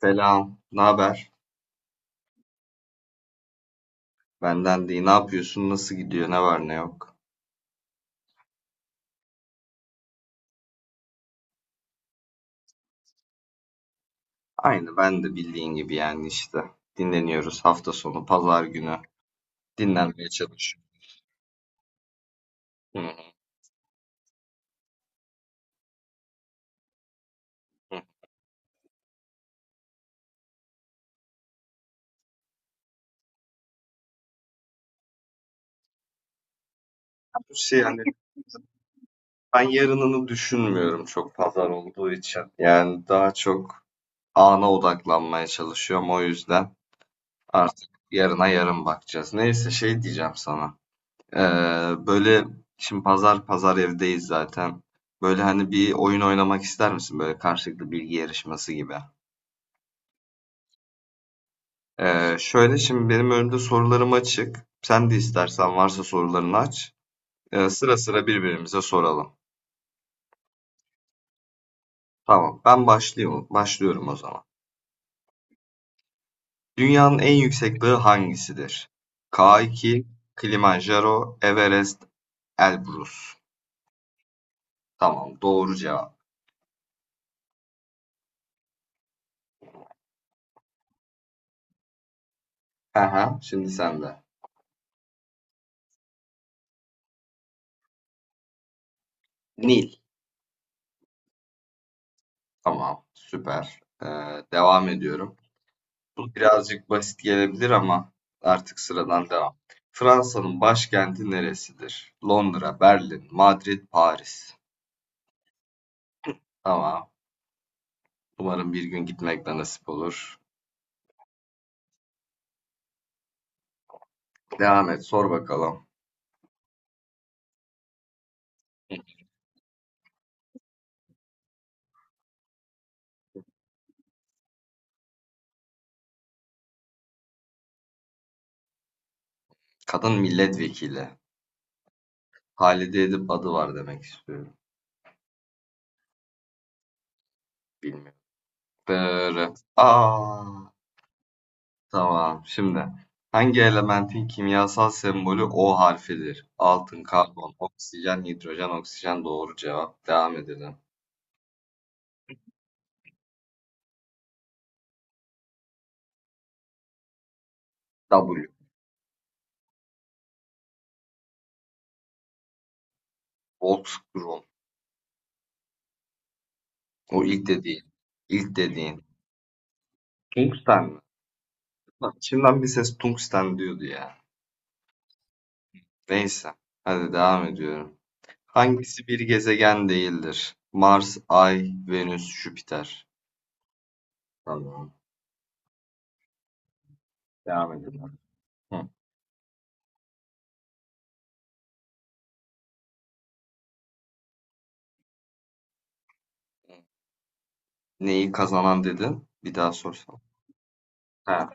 Selam, ne haber? Benden değil. Ne yapıyorsun? Nasıl gidiyor? Ne var ne yok? Aynı ben de bildiğin gibi yani işte. Dinleniyoruz hafta sonu, pazar günü. Dinlenmeye çalışıyorum. Hı hı hı. Şey hani ben yarınını düşünmüyorum çok pazar olduğu için. Yani daha çok ana odaklanmaya çalışıyorum o yüzden. Artık yarına yarın bakacağız. Neyse şey diyeceğim sana. Ee, Böyle şimdi pazar pazar evdeyiz zaten. Böyle hani bir oyun oynamak ister misin? Böyle karşılıklı bilgi yarışması gibi. Şöyle şimdi benim önümde sorularım açık. Sen de istersen varsa sorularını aç. Sıra sıra birbirimize soralım. Tamam, ben başlıyorum. Başlıyorum o zaman. Dünyanın en yüksek dağı hangisidir? K2, Kilimanjaro, Everest, Elbrus. Tamam, doğru cevap. Aha, şimdi sende. Nil. Tamam, süper. Devam ediyorum. Bu birazcık basit gelebilir ama artık sıradan devam. Fransa'nın başkenti neresidir? Londra, Berlin, Madrid, Paris. Tamam. Umarım bir gün gitmek de nasip olur. Devam et, sor bakalım. Kadın milletvekili. Halide Edip adı var demek istiyorum. Bilmiyorum. Dırı. Aa, tamam. Şimdi hangi elementin kimyasal sembolü O harfidir? Altın, karbon, oksijen, hidrojen, oksijen doğru cevap. Devam edelim. W. Voltgren. O ilk dediğin. İlk dediğin. Tungsten mi? Lan içimden bir ses tungsten diyordu ya. Neyse. Hadi devam ediyorum. Hangisi bir gezegen değildir? Mars, Ay, Venüs, Jüpiter. Tamam. Devam edelim. Hı. Neyi kazanan dedin? Bir daha sorsam. Ha.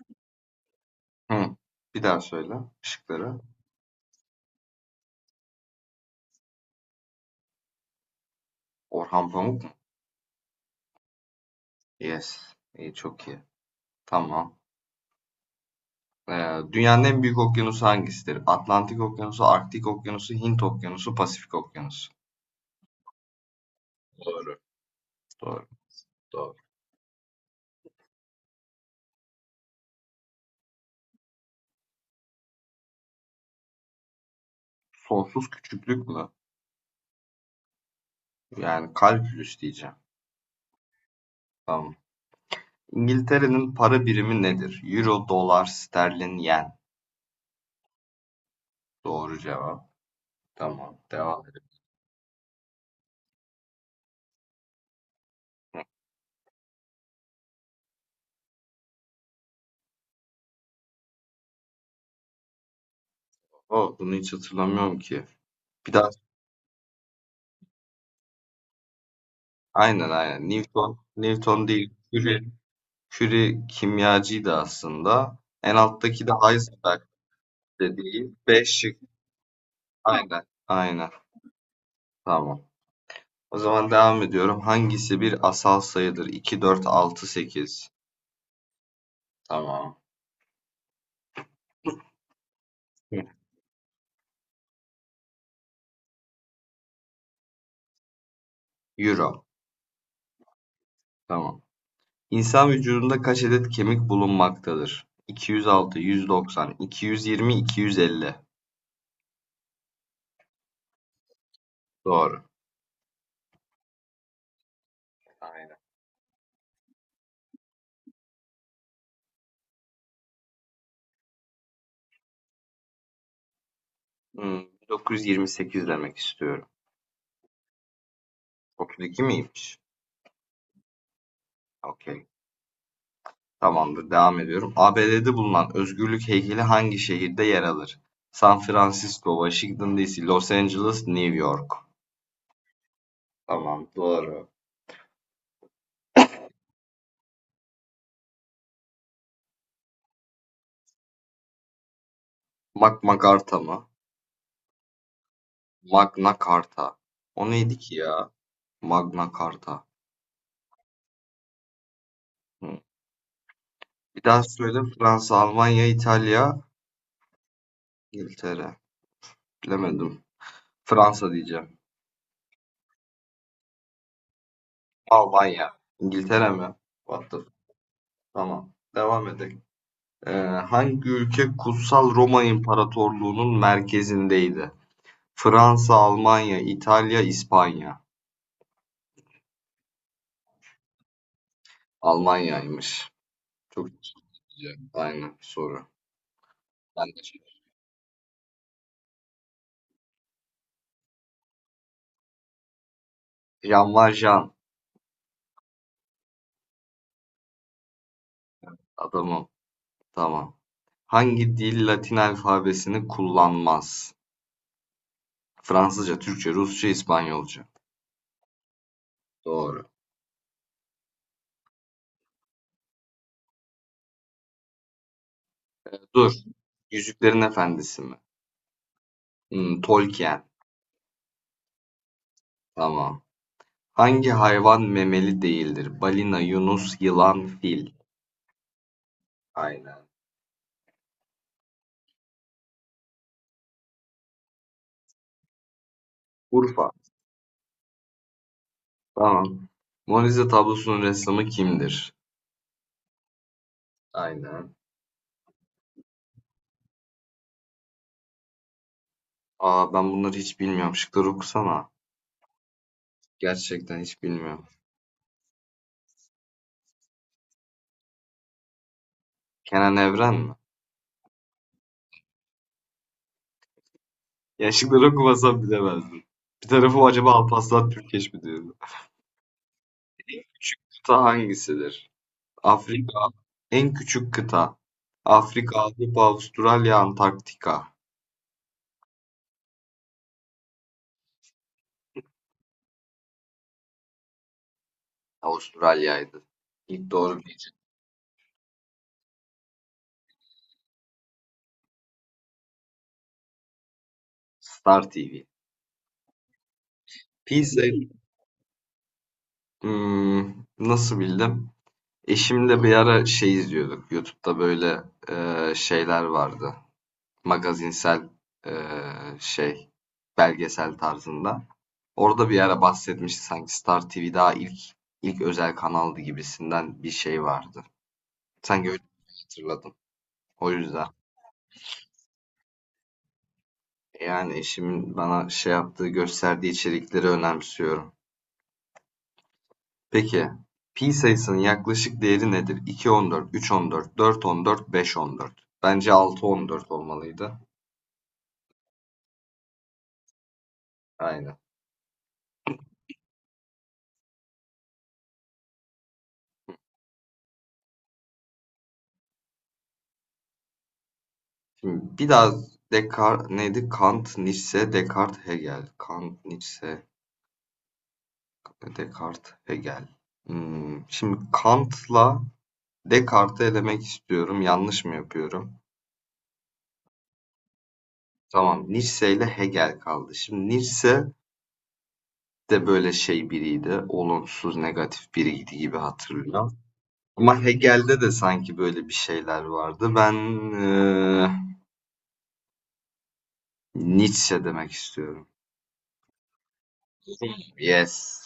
Hı, Bir daha söyle şıkları. Orhan Pamuk mu? Yes. İyi, çok iyi. Tamam. Dünyanın en büyük okyanusu hangisidir? Atlantik Okyanusu, Arktik Okyanusu, Hint Okyanusu, Pasifik Okyanusu. Doğru. Doğru. Doğru. Sonsuz küçüklük mü? Yani kalkülüs diyeceğim. Tamam. İngiltere'nin para birimi nedir? Euro, dolar, sterlin, yen. Doğru cevap. Tamam. Devam edelim. O, bunu hiç hatırlamıyorum ki. Bir daha. Aynen aynen. Newton, Newton değil. Curie. Curie kimyacıydı aslında. En alttaki de Heisenberg dediği. B şık. Aynen. Aynen. Tamam. O zaman devam ediyorum. Hangisi bir asal sayıdır? 2, 4, 6, 8. Tamam. Euro. Tamam. İnsan vücudunda kaç adet kemik bulunmaktadır? 206, 190, 220, 250. Doğru. Aynen. 928 demek istiyorum. 32 miymiş? Okey. Tamamdır, devam ediyorum. ABD'de bulunan Özgürlük heykeli hangi şehirde yer alır? San Francisco, Washington DC, Los Angeles, New York. Tamam, doğru. Magna Carta mı? Magna Carta. O neydi ki ya? Magna Carta. Hı. Bir daha söyle. Fransa, Almanya, İtalya, İngiltere. Bilemedim. Fransa diyeceğim. Almanya. İngiltere mi? What the- Tamam. Devam edelim. Ee, Hangi ülke Kutsal Roma İmparatorluğu'nun merkezindeydi? Fransa, Almanya, İtalya, İspanya. Almanya'ymış. Çok güzel. Aynen soru. Ben de şey- Jan Jean Valjean adamım. Tamam. Hangi dil Latin alfabesini kullanmaz? Fransızca, Türkçe, Rusça, İspanyolca. Doğru. Dur. Yüzüklerin Efendisi mi? Tolkien. Tamam. Hangi hayvan memeli değildir? Balina, yunus, yılan, fil. Aynen. Urfa. Tamam. Mona Lisa tablosunun ressamı kimdir? Aynen. Aa, ben bunları hiç bilmiyorum. Şıkları okusana. Gerçekten hiç bilmiyorum. Kenan Evren mi? Ya şıkları okumasam bilemezdim. Bir tarafı acaba Alparslan Türkeş mi diyordu? Küçük kıta hangisidir? Afrika. En küçük kıta. Afrika, Avrupa, Avustralya, Antarktika. Avustralya'ydı. İlk doğru diyeceğim. Star TV. Pizza. Nasıl bildim? Eşimle bir ara şey izliyorduk. YouTube'da böyle şeyler vardı. Magazinsel, şey, belgesel tarzında. Orada bir ara bahsetmişti sanki Star TV daha ilk özel kanaldı gibisinden bir şey vardı. Sanki öyle hatırladım. O yüzden. Yani eşimin bana şey yaptığı, gösterdiği içerikleri önemsiyorum. Peki, pi sayısının yaklaşık değeri nedir? 2,14, 3,14, 4,14, 5,14. Bence 6,14 olmalıydı. Aynen. Şimdi biraz Descartes neydi? Kant, Nietzsche, Descartes, Hegel. Kant, Nietzsche, Descartes, Hegel. Şimdi Kant'la Descartes'i elemek istiyorum. Yanlış mı yapıyorum? Tamam, Nietzsche ile Hegel kaldı. Şimdi Nietzsche de böyle şey biriydi. Olumsuz, negatif biriydi gibi hatırlıyorum. Ama Hegel'de de sanki böyle bir şeyler vardı. Ben eee, Nietzsche demek istiyorum. Yes.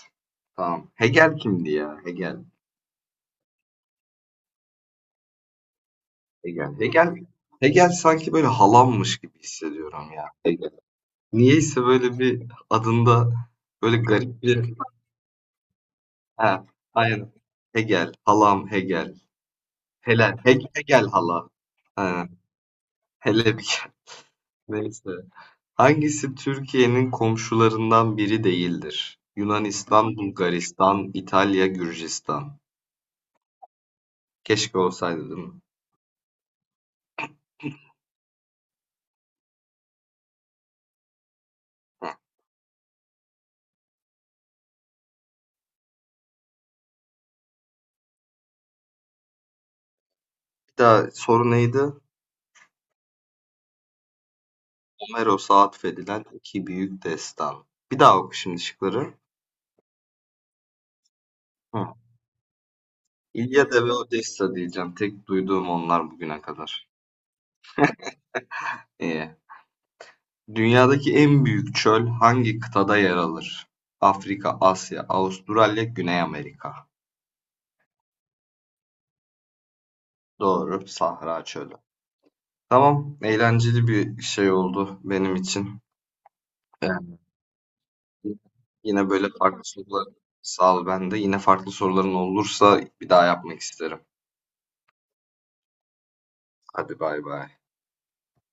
Tamam. Hegel kimdi ya? Hegel. Hegel. Hegel, Hegel sanki böyle halammış gibi hissediyorum ya. Hegel. Niyeyse böyle bir adında böyle garip bir... Ha, aynen. Hegel, halam Hegel. Helen, Hegel hala. Ha, hele bir neyse. Hangisi Türkiye'nin komşularından biri değildir? Yunanistan, Bulgaristan, İtalya, Gürcistan. Keşke olsaydı değil mi? Bir daha soru neydi? Homeros'a atfedilen iki büyük destan. Bir daha oku şimdi şıkları. Hı. İlyada ve Odessa diyeceğim. Tek duyduğum onlar bugüne kadar. Ee, Dünyadaki en büyük çöl hangi kıtada yer alır? Afrika, Asya, Avustralya, Güney Amerika. Doğru, Sahra Çölü. Tamam, eğlenceli bir şey oldu benim için. Ee, Yine böyle farklı sorular, sağ ol ben de. Yine farklı soruların olursa bir daha yapmak isterim. Hadi bay bay.